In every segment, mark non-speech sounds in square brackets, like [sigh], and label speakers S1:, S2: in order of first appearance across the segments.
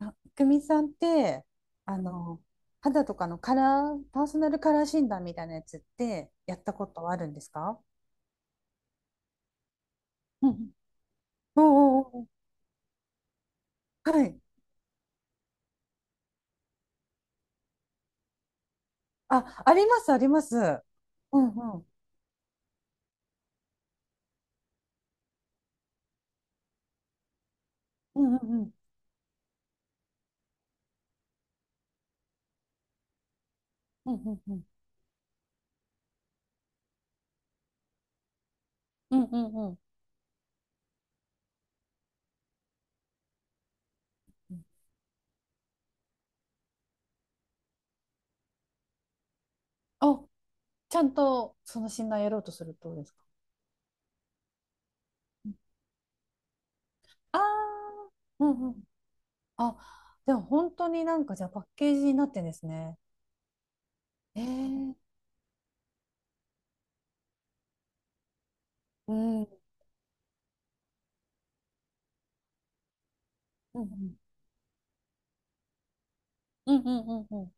S1: あ、くみさんって、あの、肌とかのカラー、パーソナルカラー診断みたいなやつってやったことはあるんですか？うんうんおうおうおうはい。あ、あります、あります。うんうん。うんうんうんうんうんうんうんうんうん。あ、ちゃんとその診断やろうとするってことですか？うんあーうんうん。あ、でも本当になんかじゃあパッケージになってんですね。えー、うんうんうんうんうんうんうん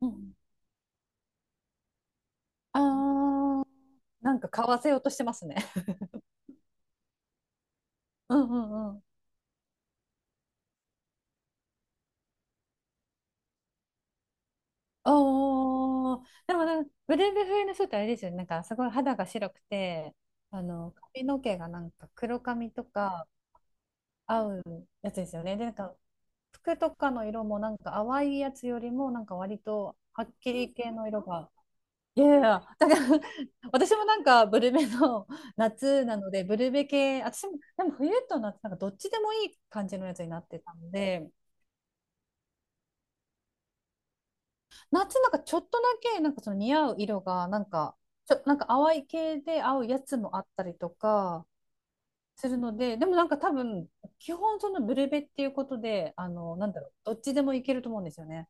S1: うん。あなんか買わせようとしてますね。[laughs] うんうんうん。おー、でもなんかブレイブ冬の人ってあれですよね。なんかすごい肌が白くて、髪の毛がなんか黒髪とか合うやつですよね。で、なんか服とかの色もなんか淡いやつよりもなんか割とはっきり系の色が。いやいや、だから [laughs] 私もなんかブルベの夏なので、ブルベ系、私もでも冬と夏なんかどっちでもいい感じのやつになってたので、夏なんかちょっとだけなんかその似合う色がなんかなんか淡い系で合うやつもあったりとかするのででもなんか多分基本そのブルベっていうことでなんだろう、どっちでもいけると思うんですよね。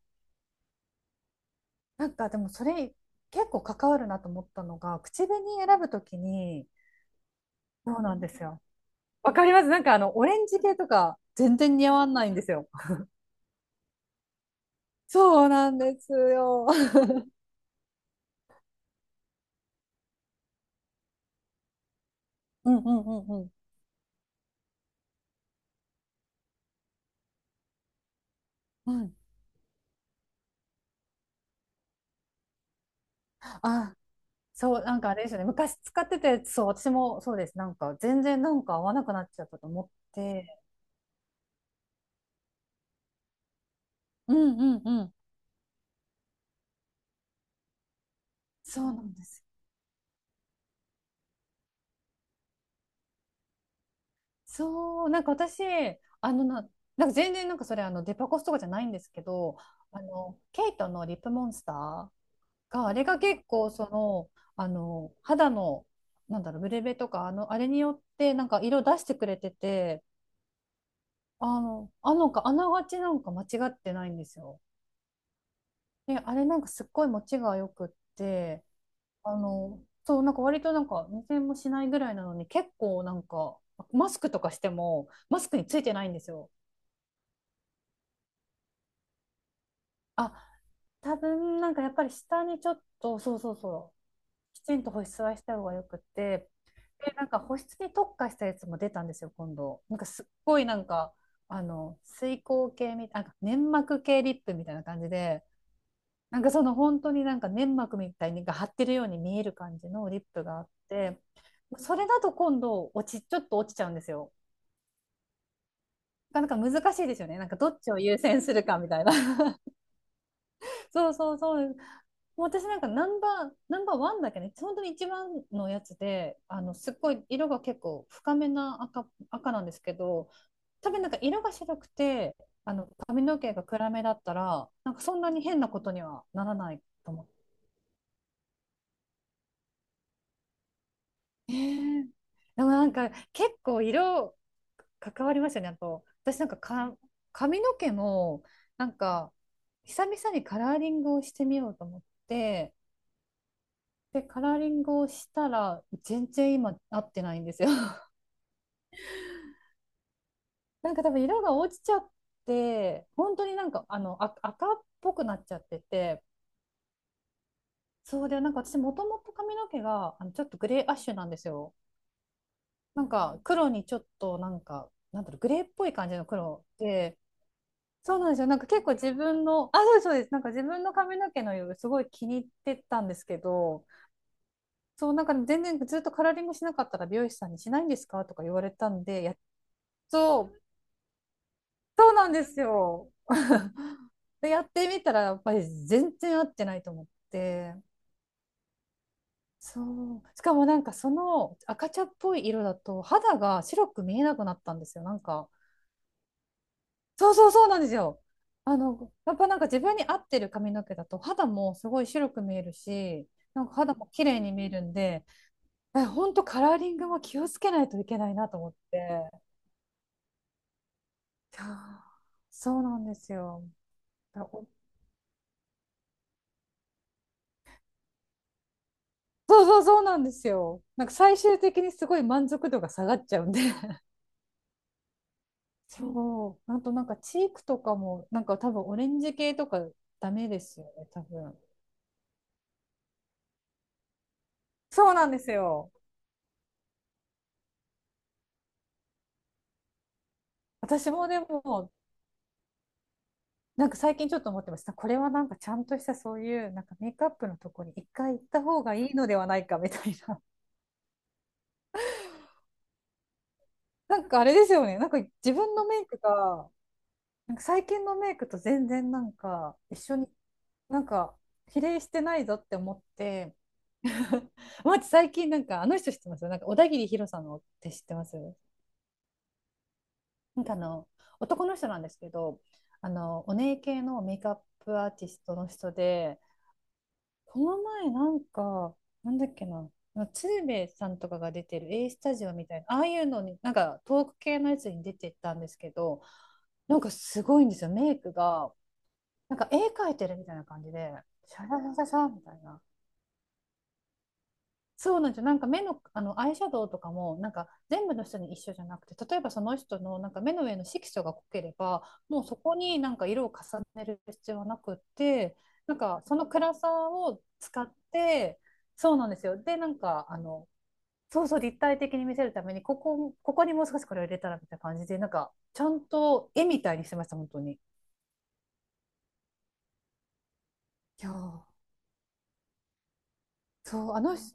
S1: なんかでもそれ結構関わるなと思ったのが口紅選ぶときに。そうなんですよ。わかります。なんかオレンジ系とか全然似合わないんですよ。そうなんですよ。うんうんうんうんうん。あ、そう、なんかあれですよね。昔使ってて、そう、私もそうです。なんか全然なんか合わなくなっちゃったと思って。うんうんうん。そうなんです。そう、なんか私、あのな、なんか全然なんかそれデパコスとかじゃないんですけど、ケイトのリップモンスターが、あれが結構その、肌の、なんだろう、ブレベとか、あれによってなんか色出してくれてて、あの、あのか、あながちなんか間違ってないんですよ。で、あれなんかすっごい持ちが良くって、あの、そう、なんか割となんか20もしないぐらいなのに、結構なんか、マスクとかしても、マスクについてないんですよ。あ、多分なんかやっぱり下にちょっと、そうそうそう、きちんと保湿はした方がよくて、で、なんか保湿に特化したやつも出たんですよ、今度。なんかすっごいなんか、水光系なんか粘膜系リップみたいな感じで、なんかその本当になんか粘膜みたいにが張ってるように見える感じのリップがあって、それだと今度ちょっと落ちちゃうんですよ。なかなか難しいですよね。なんかどっちを優先するかみたいな。[laughs] そうそうそう。もう私なんかナンバーワンだけね、本当に一番のやつで、すっごい色が結構深めな赤なんですけど、多分なんか色が白くて、髪の毛が暗めだったら、なんかそんなに変なことにはならないと思っ。えーでもなんか結構色関わりましたね。あと、私なんか、髪の毛もなんか久々にカラーリングをしてみようと思って、で、カラーリングをしたら全然今合ってないんですよ。[laughs] なんか多分色が落ちちゃって、本当になんか赤っぽくなっちゃってて、そうで、なんか私もともと髪の毛がちょっとグレーアッシュなんですよ。なんか黒にちょっとなんか、なんだろう、グレーっぽい感じの黒で、そうなんですよ。なんか結構自分の、あ、そうです、そうです。なんか自分の髪の毛の色すごい気に入ってたんですけど、そう、なんか全然ずっとカラーリングしなかったら美容師さんにしないんですかとか言われたんで、やっと、そうなんですよ。[laughs] で、やってみたらやっぱり全然合ってないと思って、そう。しかもなんかその赤茶っぽい色だと肌が白く見えなくなったんですよ。なんか。そうそうそうなんですよ。やっぱなんか自分に合ってる髪の毛だと肌もすごい白く見えるし、なんか肌も綺麗に見えるんで、え、ほんとカラーリングも気をつけないといけないなと思って。いやー、そうなんですよ。だおそうそうそうなんですよ。なんか最終的にすごい満足度が下がっちゃうんで。 [laughs] そう。あとなんかチークとかも、なんか多分オレンジ系とかダメですよね、多分。そうなんですよ。私もでもなんか最近ちょっと思ってました。これはなんかちゃんとしたそういうなんかメイクアップのとこに一回行った方がいいのではないかみたいな。[laughs] なんかあれですよね。なんか自分のメイクが、なんか最近のメイクと全然なんか一緒になんか比例してないぞって思って。[laughs] まず最近なんかあの人知ってます？なんか小田切ヒロさんのって知ってます？なんかあの男の人なんですけど、あのお姉系のメイクアップアーティストの人で、この前なんか、なんだっけな、鶴瓶さんとかが出てる A スタジオみたいな、ああいうのに、なんかトーク系のやつに出てったんですけど、なんかすごいんですよ、メイクが。なんか絵描いてるみたいな感じで、シャラシャラシャラみたいな。そうなんですよ。なんか目の、アイシャドウとかも、なんか全部の人に一緒じゃなくて、例えばその人のなんか目の上の色素が濃ければ、もうそこになんか色を重ねる必要はなくって、なんかその暗さを使って、そうなんですよ。で、なんかそうそう立体的に見せるために、ここ、ここにもう少しこれを入れたらみたいな感じで、なんかちゃんと絵みたいにしてました、本当に。いやー、そう、あの人、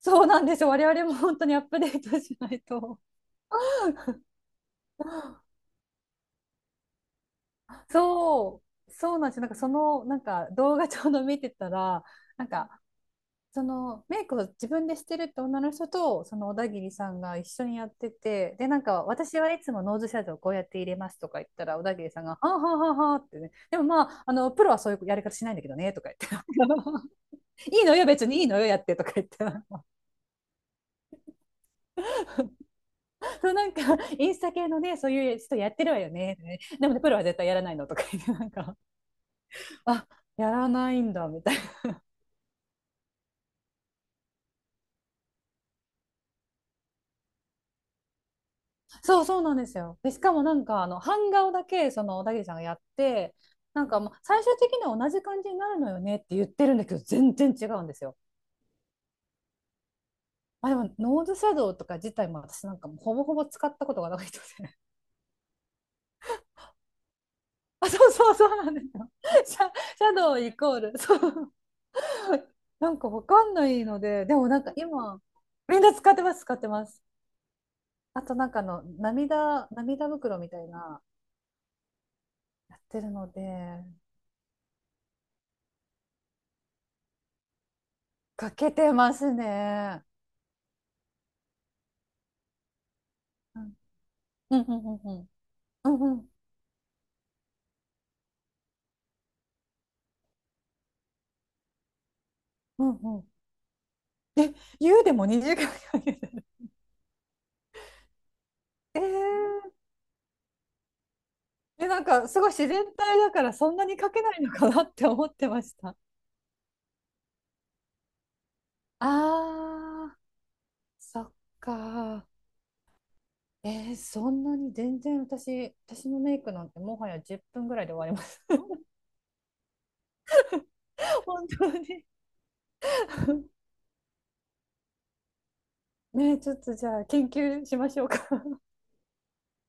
S1: そうなんですよ。我々も本当にアップデートしないと。そう、そうなんですよ。なんかその、なんか動画ちょうど見てたら、[laughs] なんかそのメイクを自分でしてるって女の人と、その小田切さんが一緒にやってて、で、なんか私はいつもノーズシャドウこうやって入れますとか言ったら、小田切さんが、[laughs] はあはあはあはあってね、でもまあ、プロはそういうやり方しないんだけどね、とか言って、[laughs] いいのよ、別にいいのよ、やってとか言って、[laughs] そうなんか、インスタ系のね、そういう人やってるわよね、でもね、プロは絶対やらないのとか言って、なんか、[laughs] あ、やらないんだ、みたいな。そうそうなんですよ。で、しかもなんかあの版画をだけその小田切さんがやって、なんかもう最終的には同じ感じになるのよねって言ってるんだけど全然違うんですよ。まあ、でもノーズシャドウとか自体も私なんかもうほぼほぼ使ったことがないので。 [laughs]、あ、そうそうそうなんですよ。[laughs] シャ、シャドウイコールそう。 [laughs] なんかわかんないのででもなんか今みんな使ってます使ってます。あとなんか涙袋みたいなやってるのでかけてますね。うんうんうんうんうんうんうんうんうん。え、湯でも2時間かけてる。えー、え、なんかすごい自然体だからそんなにかけないのかなって思ってました。あー、そっか。そんなに全然私のメイクなんてもはや10分ぐらいで終わります。[laughs] 本当に。[laughs] ねえ、ちょっとじゃあ研究しましょうか。